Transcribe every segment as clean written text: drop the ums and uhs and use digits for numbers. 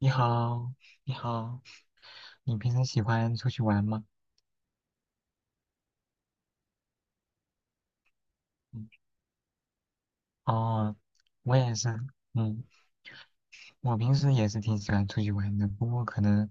你好，你好，你平时喜欢出去玩吗？嗯，哦，我也是，嗯，我平时也是挺喜欢出去玩的，不过可能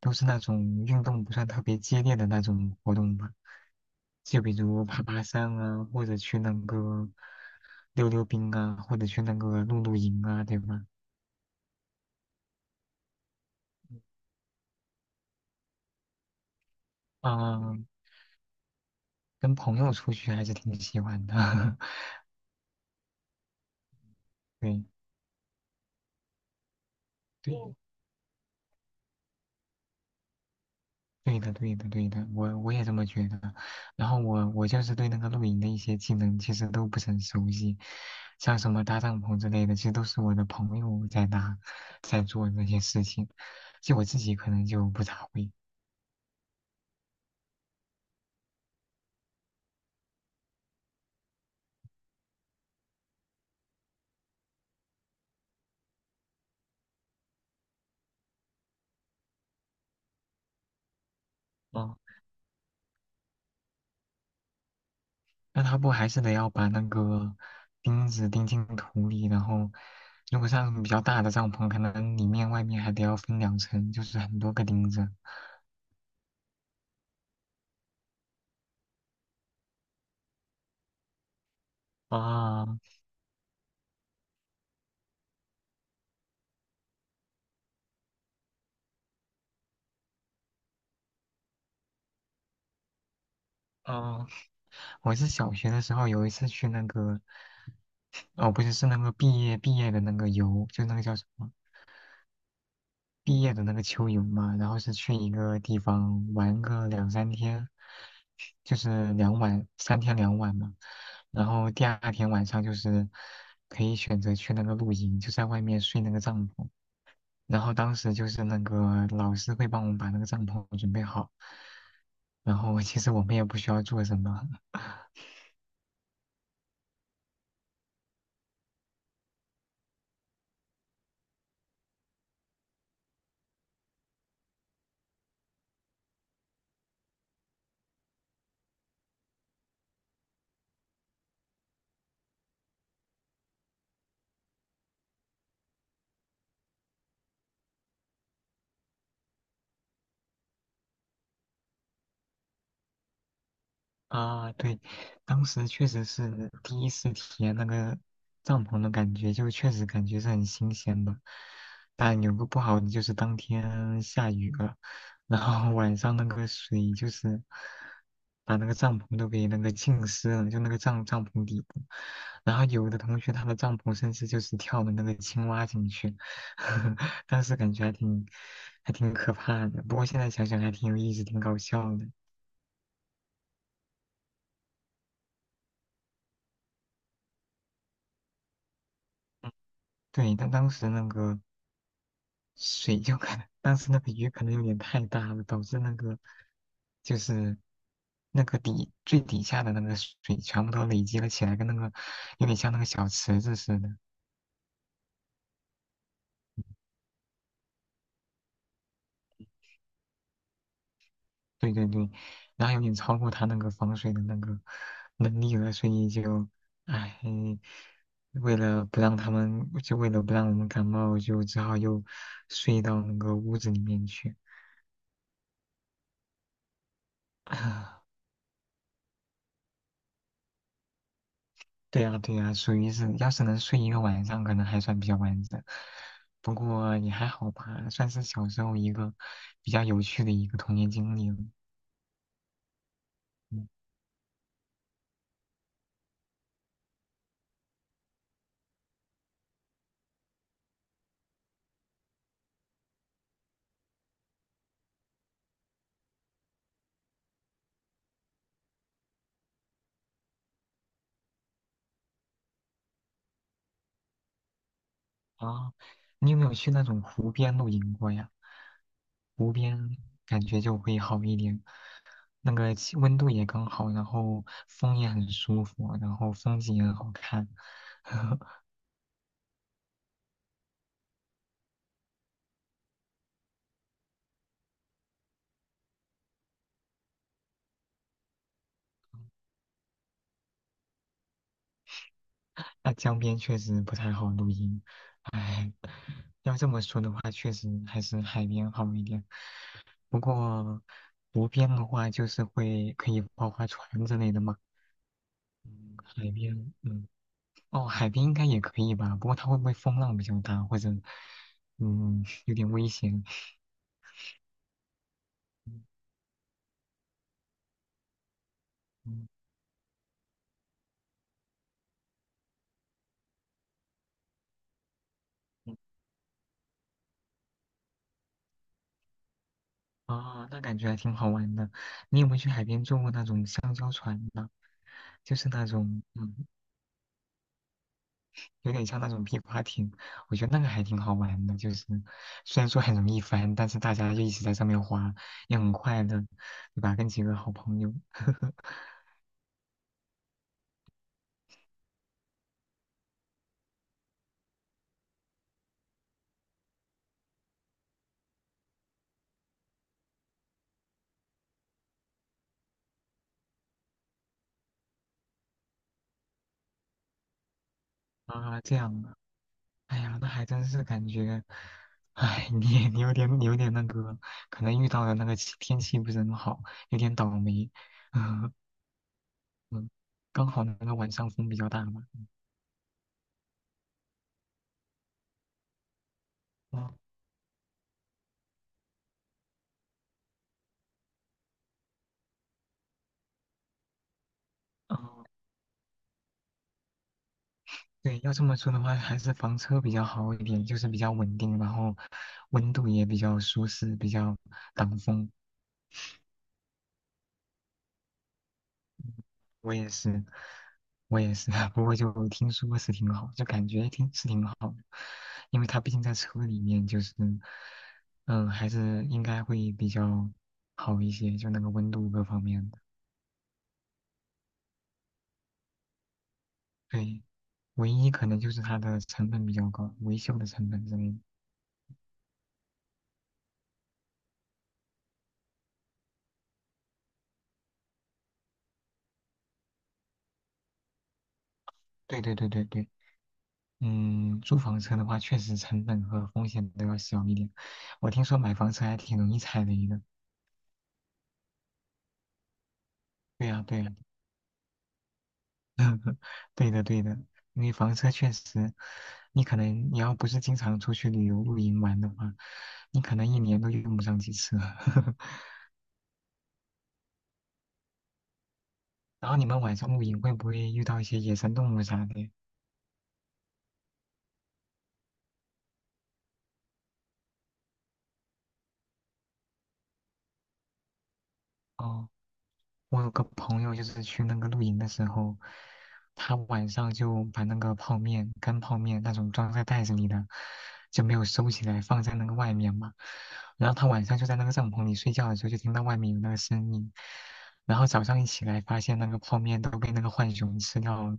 都是那种运动不算特别激烈的那种活动吧，就比如爬爬山啊，或者去那个溜溜冰啊，或者去那个露露营啊，对吧？嗯，跟朋友出去还是挺喜欢的。对对，对的，对的，对的，我也这么觉得。然后我就是对那个露营的一些技能其实都不是很熟悉，像什么搭帐篷之类的，其实都是我的朋友在搭，在做那些事情，就我自己可能就不咋会。哦，那他不还是得要把那个钉子钉进土里，然后如果像比较大的帐篷，可能里面外面还得要分2层，就是很多个钉子。啊，嗯，我是小学的时候有一次去那个哦，不是，是那个毕业的那个游，就那个叫什么毕业的那个秋游嘛，然后是去一个地方玩个两三天，就是两晚，3天2晚嘛。然后第二天晚上就是可以选择去那个露营，就在外面睡那个帐篷。然后当时就是那个老师会帮我们把那个帐篷准备好，然后其实我们也不需要做什么。啊，对，当时确实是第一次体验那个帐篷的感觉，就确实感觉是很新鲜的。但有个不好的就是当天下雨了，然后 晚上那个水就是把那个帐篷都给那个浸湿了，就那个帐篷底部。然后有的同学他的帐篷甚至就是跳了那个青蛙进去，当时感觉还挺可怕的。不过现在想想还挺有意思，挺搞笑的。对，但当时那个水就可能，但是那个鱼可能有点太大了，导致那个就是那个底最底下的那个水全部都累积了起来，跟那个有点像那个小池子似的。对对对，然后有点超过它那个防水的那个能力了，所以就，唉，为了不让他们，就为了不让我们感冒，就只好又睡到那个屋子里面去。对呀，对呀，属于是，要是能睡一个晚上，可能还算比较完整。不过也还好吧，算是小时候一个比较有趣的一个童年经历了。嗯啊，你有没有去那种湖边露营过呀？湖边感觉就会好一点，那个气温度也刚好，然后风也很舒服，然后风景也很好看。那江边确实不太好露营，唉。要这么说的话，确实还是海边好一点。不过湖边的话，就是会可以划划船之类的嘛。嗯海边，嗯，哦，海边应该也可以吧。不过它会不会风浪比较大，或者嗯有点危险？嗯嗯嗯哦，那感觉还挺好玩的。你有没有去海边坐过那种香蕉船呢？就是那种，嗯，有点像那种皮划艇，我觉得那个还挺好玩的，就是虽然说很容易翻，但是大家就一直在上面滑，也很快乐，对吧？跟几个好朋友。啊，这样的，哎呀，那还真是感觉，哎，你有点你有点那个，可能遇到的那个天气不是很好，有点倒霉。嗯嗯刚好那个晚上风比较大嘛。嗯嗯，哦对，要这么说的话，还是房车比较好一点，就是比较稳定，然后温度也比较舒适，比较挡风。我也是，我也是，不过就听说是挺好，就感觉挺是挺好的，因为它毕竟在车里面，就是，嗯、还是应该会比较好一些，就那个温度各方面的。对，唯一可能就是它的成本比较高，维修的成本之类的对对对对对。嗯，租房车的话，确实成本和风险都要小一点。我听说买房车还挺容易踩雷的。对呀，对呀，对的，对的。因为房车确实，你可能你要不是经常出去旅游露营玩的话，你可能一年都用不上几次。然后你们晚上露营会不会遇到一些野生动物啥的？哦，我有个朋友就是去那个露营的时候，他晚上就把那个泡面、干泡面那种装在袋子里的，就没有收起来，放在那个外面嘛。然后他晚上就在那个帐篷里睡觉的时候，就听到外面有那个声音，然后早上一起来，发现那个泡面都被那个浣熊吃掉了。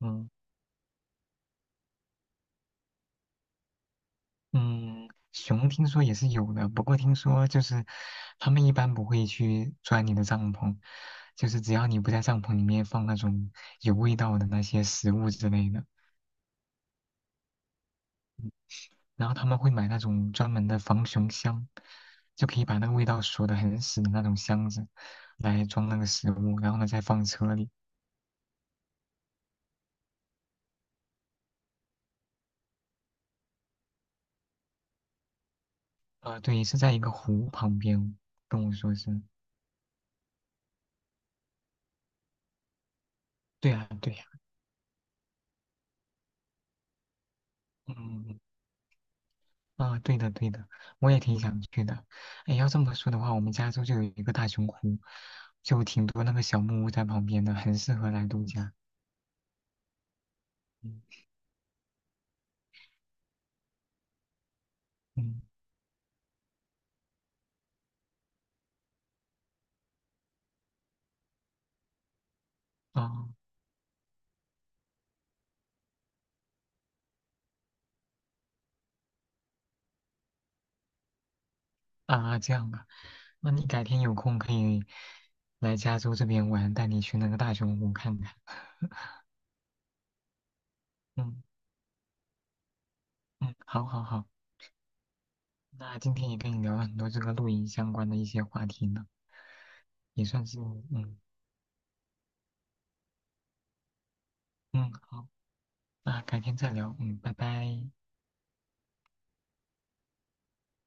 嗯。嗯，熊听说也是有的，不过听说就是他们一般不会去钻你的帐篷，就是只要你不在帐篷里面放那种有味道的那些食物之类的，然后他们会买那种专门的防熊箱，就可以把那个味道锁得很死的那种箱子来装那个食物，然后呢再放车里。啊、对，是在一个湖旁边，跟我说是。对啊，对呀、嗯。啊，对的对的，我也挺想去的。哎，要这么说的话，我们加州就有一个大熊湖，就挺多那个小木屋在旁边的，很适合来度假。嗯嗯，哦啊，这样啊，那你改天有空可以来加州这边玩，带你去那个大熊湖看看。嗯嗯，好好好，那今天也跟你聊了很多这个露营相关的一些话题呢，也算是嗯嗯好，那改天再聊，嗯，拜拜。